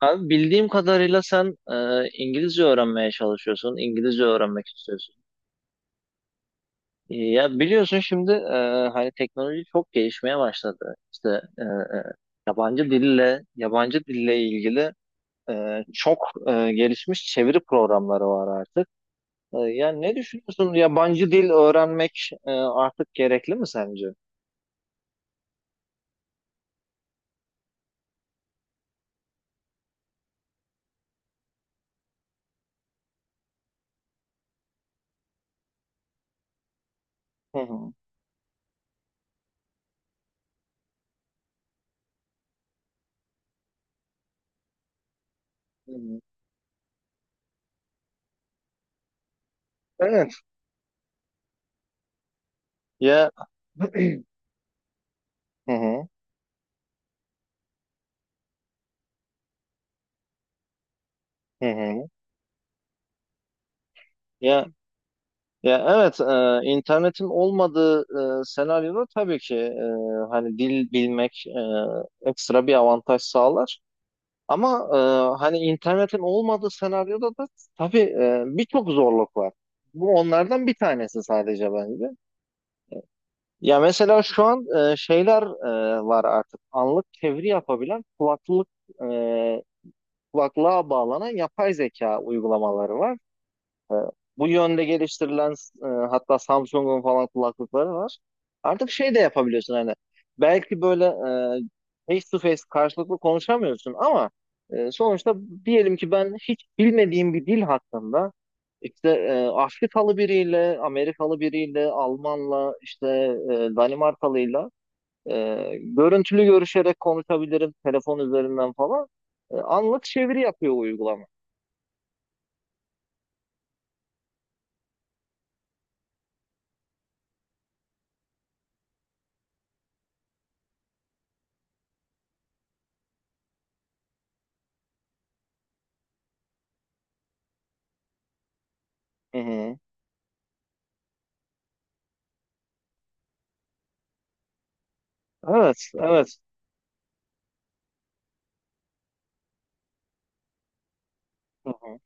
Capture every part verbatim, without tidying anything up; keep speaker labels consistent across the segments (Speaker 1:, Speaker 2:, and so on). Speaker 1: Abi bildiğim kadarıyla sen e, İngilizce öğrenmeye çalışıyorsun, İngilizce öğrenmek istiyorsun. E, ya biliyorsun şimdi e, hani teknoloji çok gelişmeye başladı. İşte e, e, yabancı dille, yabancı dille ilgili e, çok e, gelişmiş çeviri programları var artık. E, yani ne düşünüyorsun? Yabancı dil öğrenmek e, artık gerekli mi sence? Hı hı. Hı hı. Evet. Ya. Hı hı. Hı hı. Hı hı. Ya Ya evet, e, internetin olmadığı e, senaryoda tabii ki e, hani dil bilmek e, ekstra bir avantaj sağlar. Ama e, hani internetin olmadığı senaryoda da tabii e, birçok zorluk var. Bu onlardan bir tanesi sadece bence. Ya mesela şu an e, şeyler e, var artık. Anlık çeviri yapabilen kulaklık e, kulaklığa bağlanan yapay zeka uygulamaları var. E, Bu yönde geliştirilen e, hatta Samsung'un falan kulaklıkları var. Artık şey de yapabiliyorsun hani belki böyle e, face to face karşılıklı konuşamıyorsun ama e, sonuçta diyelim ki ben hiç bilmediğim bir dil hakkında işte e, Afrikalı biriyle, Amerikalı biriyle, Almanla, işte e, Danimarkalıyla e, görüntülü görüşerek konuşabilirim telefon üzerinden falan. E, anlık çeviri yapıyor uygulama. Hı hı. Evet, evet. Hı hı.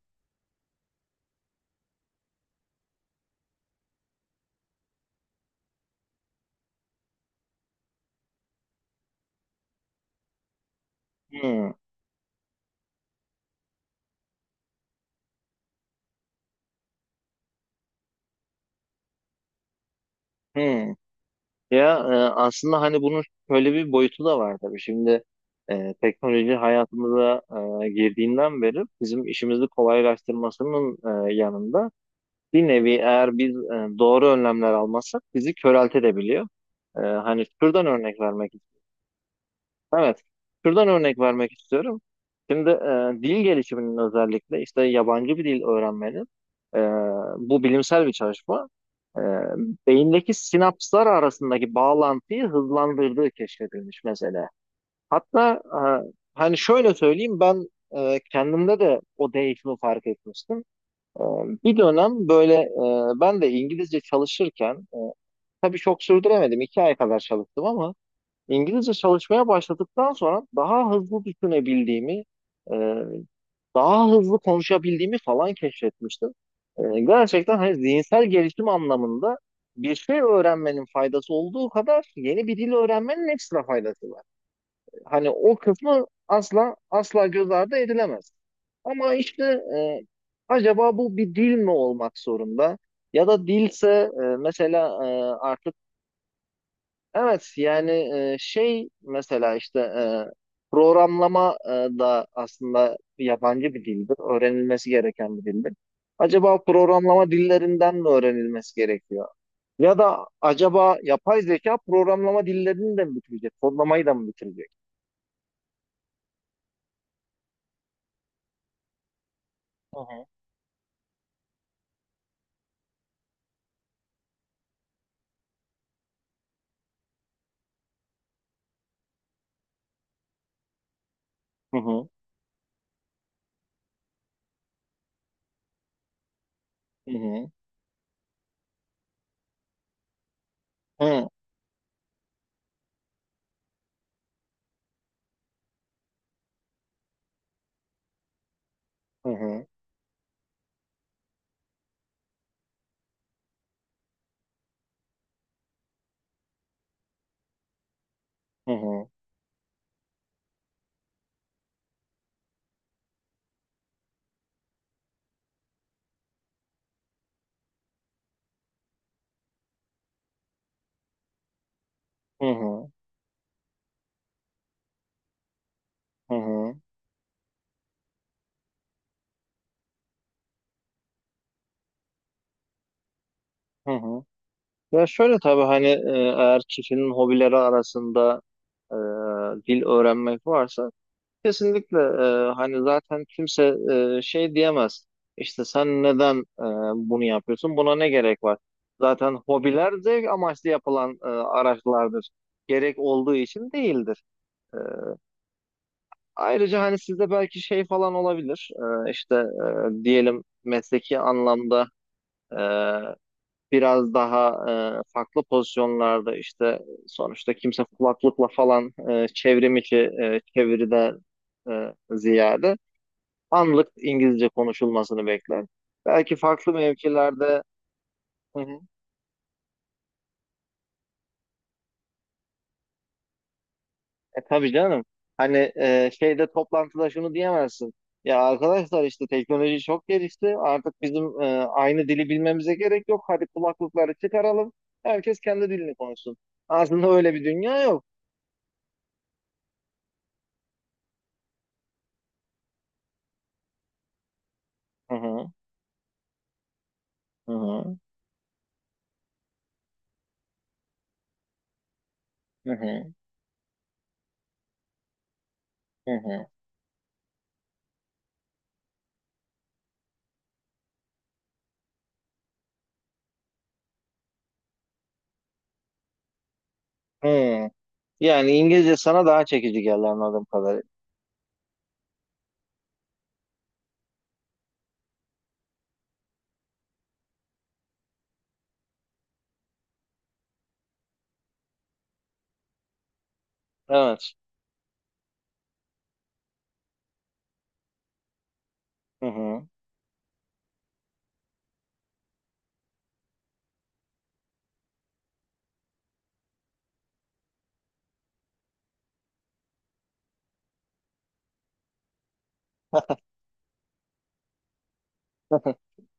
Speaker 1: Hmm, hmm. Ya e, aslında hani bunun şöyle bir boyutu da var tabii. Şimdi e, teknoloji hayatımıza e, girdiğinden beri bizim işimizi kolaylaştırmasının e, yanında bir nevi eğer biz e, doğru önlemler almazsak bizi köreltebiliyor. E, hani şuradan örnek vermek... Evet. Şuradan örnek vermek istiyorum. Şimdi e, dil gelişiminin özellikle işte yabancı bir dil öğrenmenin, e, bu bilimsel bir çalışma, e, beyindeki sinapslar arasındaki bağlantıyı hızlandırdığı keşfedilmiş mesela. Hatta e, hani şöyle söyleyeyim, ben e, kendimde de o değişimi fark etmiştim. E, Bir dönem böyle e, ben de İngilizce çalışırken e, tabii çok sürdüremedim. iki ay kadar çalıştım ama İngilizce çalışmaya başladıktan sonra daha hızlı düşünebildiğimi, e, daha hızlı konuşabildiğimi falan keşfetmiştim. E, gerçekten hani zihinsel gelişim anlamında bir şey öğrenmenin faydası olduğu kadar yeni bir dil öğrenmenin ekstra faydası var. Hani o kısmı asla asla göz ardı edilemez. Ama işte e, acaba bu bir dil mi olmak zorunda? Ya da dilse e, mesela e, artık... Evet, yani e, şey mesela işte e, programlama e, da aslında yabancı bir dildir. Öğrenilmesi gereken bir dildir. Acaba programlama dillerinden mi öğrenilmesi gerekiyor? Ya da acaba yapay zeka programlama dillerini de mi bitirecek? Kodlamayı da mı bitirecek? Hı hı. Hı hı hı hı hı hı hı hı hı hı hı hı hı hı. Ya şöyle tabii hani e, eğer kişinin hobileri arasında e, dil öğrenmek varsa, kesinlikle e, hani zaten kimse e, şey diyemez. İşte sen neden e, bunu yapıyorsun? Buna ne gerek var? Zaten hobiler zevk amaçlı yapılan e, araçlardır. Gerek olduğu için değildir. E, Ayrıca hani sizde belki şey falan olabilir. E, işte e, diyelim, mesleki anlamda e, biraz daha e, farklı pozisyonlarda işte, sonuçta kimse kulaklıkla falan e, çevrim içi e, çeviriden e, ziyade anlık İngilizce konuşulmasını bekler. Belki farklı mevkilerde. Hı hı. E tabii canım. Hani e, şeyde, toplantıda şunu diyemezsin. Ya arkadaşlar, işte teknoloji çok gelişti. Artık bizim e, aynı dili bilmemize gerek yok. Hadi kulaklıkları çıkaralım. Herkes kendi dilini konuşsun. Aslında öyle bir dünya yok. Hı hı. Hı hı. Hı hı. Hı hı. Hı. Yani İngilizce sana daha çekici geldi anladığım kadarıyla. Evet. Hı hı.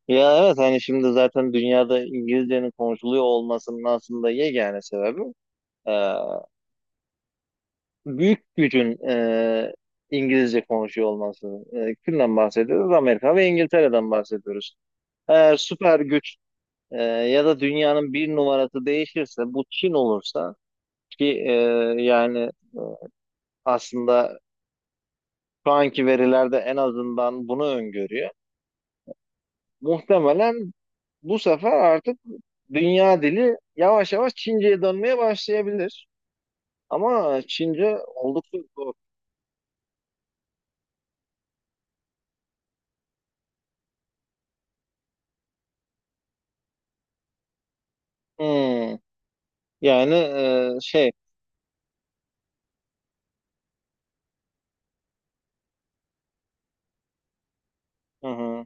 Speaker 1: Ya evet, hani şimdi zaten dünyada İngilizcenin konuşuluyor olmasının aslında yegane sebebi e, büyük gücün e, İngilizce konuşuyor olması. E, kimden bahsediyoruz? Amerika ve İngiltere'den bahsediyoruz. Eğer süper güç e, ya da dünyanın bir numarası değişirse, bu Çin olursa, ki e, yani aslında şu anki verilerde en azından bunu öngörüyor. Muhtemelen bu sefer artık dünya dili yavaş yavaş Çince'ye dönmeye başlayabilir. Ama Çince oldukça zor. Hmm. Yani e, şey. Hı hı.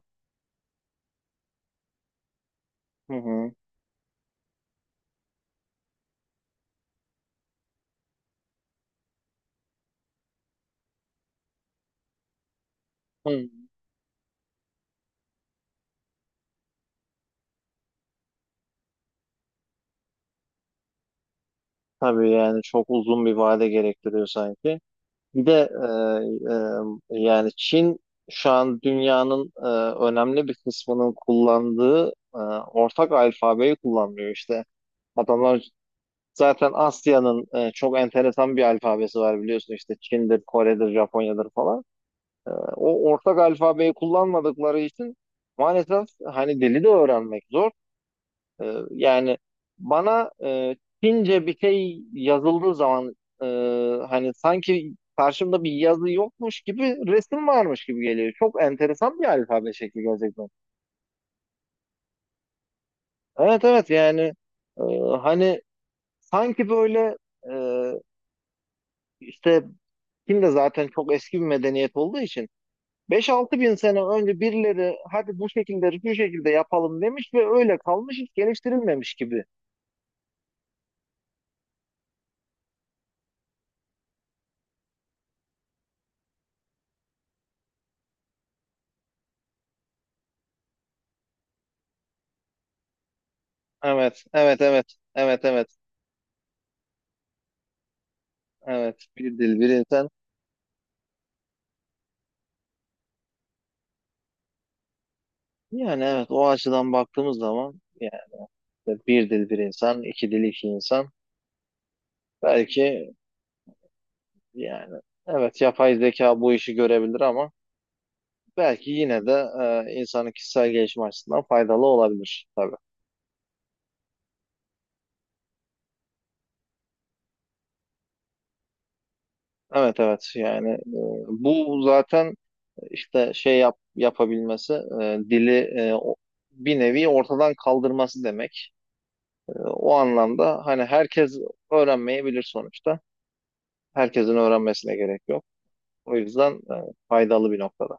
Speaker 1: Hı hı. Hı. Tabii yani çok uzun bir vade gerektiriyor sanki. Bir de e, e, yani Çin şu an dünyanın e, önemli bir kısmının kullandığı e, ortak alfabeyi kullanmıyor işte. Adamlar zaten, Asya'nın e, çok enteresan bir alfabesi var biliyorsun, işte Çin'dir, Kore'dir, Japonya'dır falan. O ortak alfabeyi kullanmadıkları için maalesef hani dili de öğrenmek zor. Ee, yani bana e, Çince bir şey yazıldığı zaman, e, hani sanki karşımda bir yazı yokmuş gibi, resim varmış gibi geliyor. Çok enteresan bir alfabe şekli gerçekten. Evet, evet, yani e, hani sanki böyle e, işte, Çin de zaten çok eski bir medeniyet olduğu için, Beş altı bin sene önce birileri hadi bu şekilde bu şekilde yapalım demiş ve öyle kalmış, hiç geliştirilmemiş gibi. Evet, evet, evet, evet, evet, evet. Bir dil bir insan. Yani evet, o açıdan baktığımız zaman yani, bir dil bir insan, iki dil iki insan. Belki, yani evet, yapay zeka bu işi görebilir ama belki yine de e, insanın kişisel gelişim açısından faydalı olabilir tabii. Evet, evet, yani e, bu zaten işte şey yap, yapabilmesi, e, dili e, o- bir nevi ortadan kaldırması demek. E, o anlamda hani herkes öğrenmeyebilir sonuçta. Herkesin öğrenmesine gerek yok. O yüzden e, faydalı bir noktada.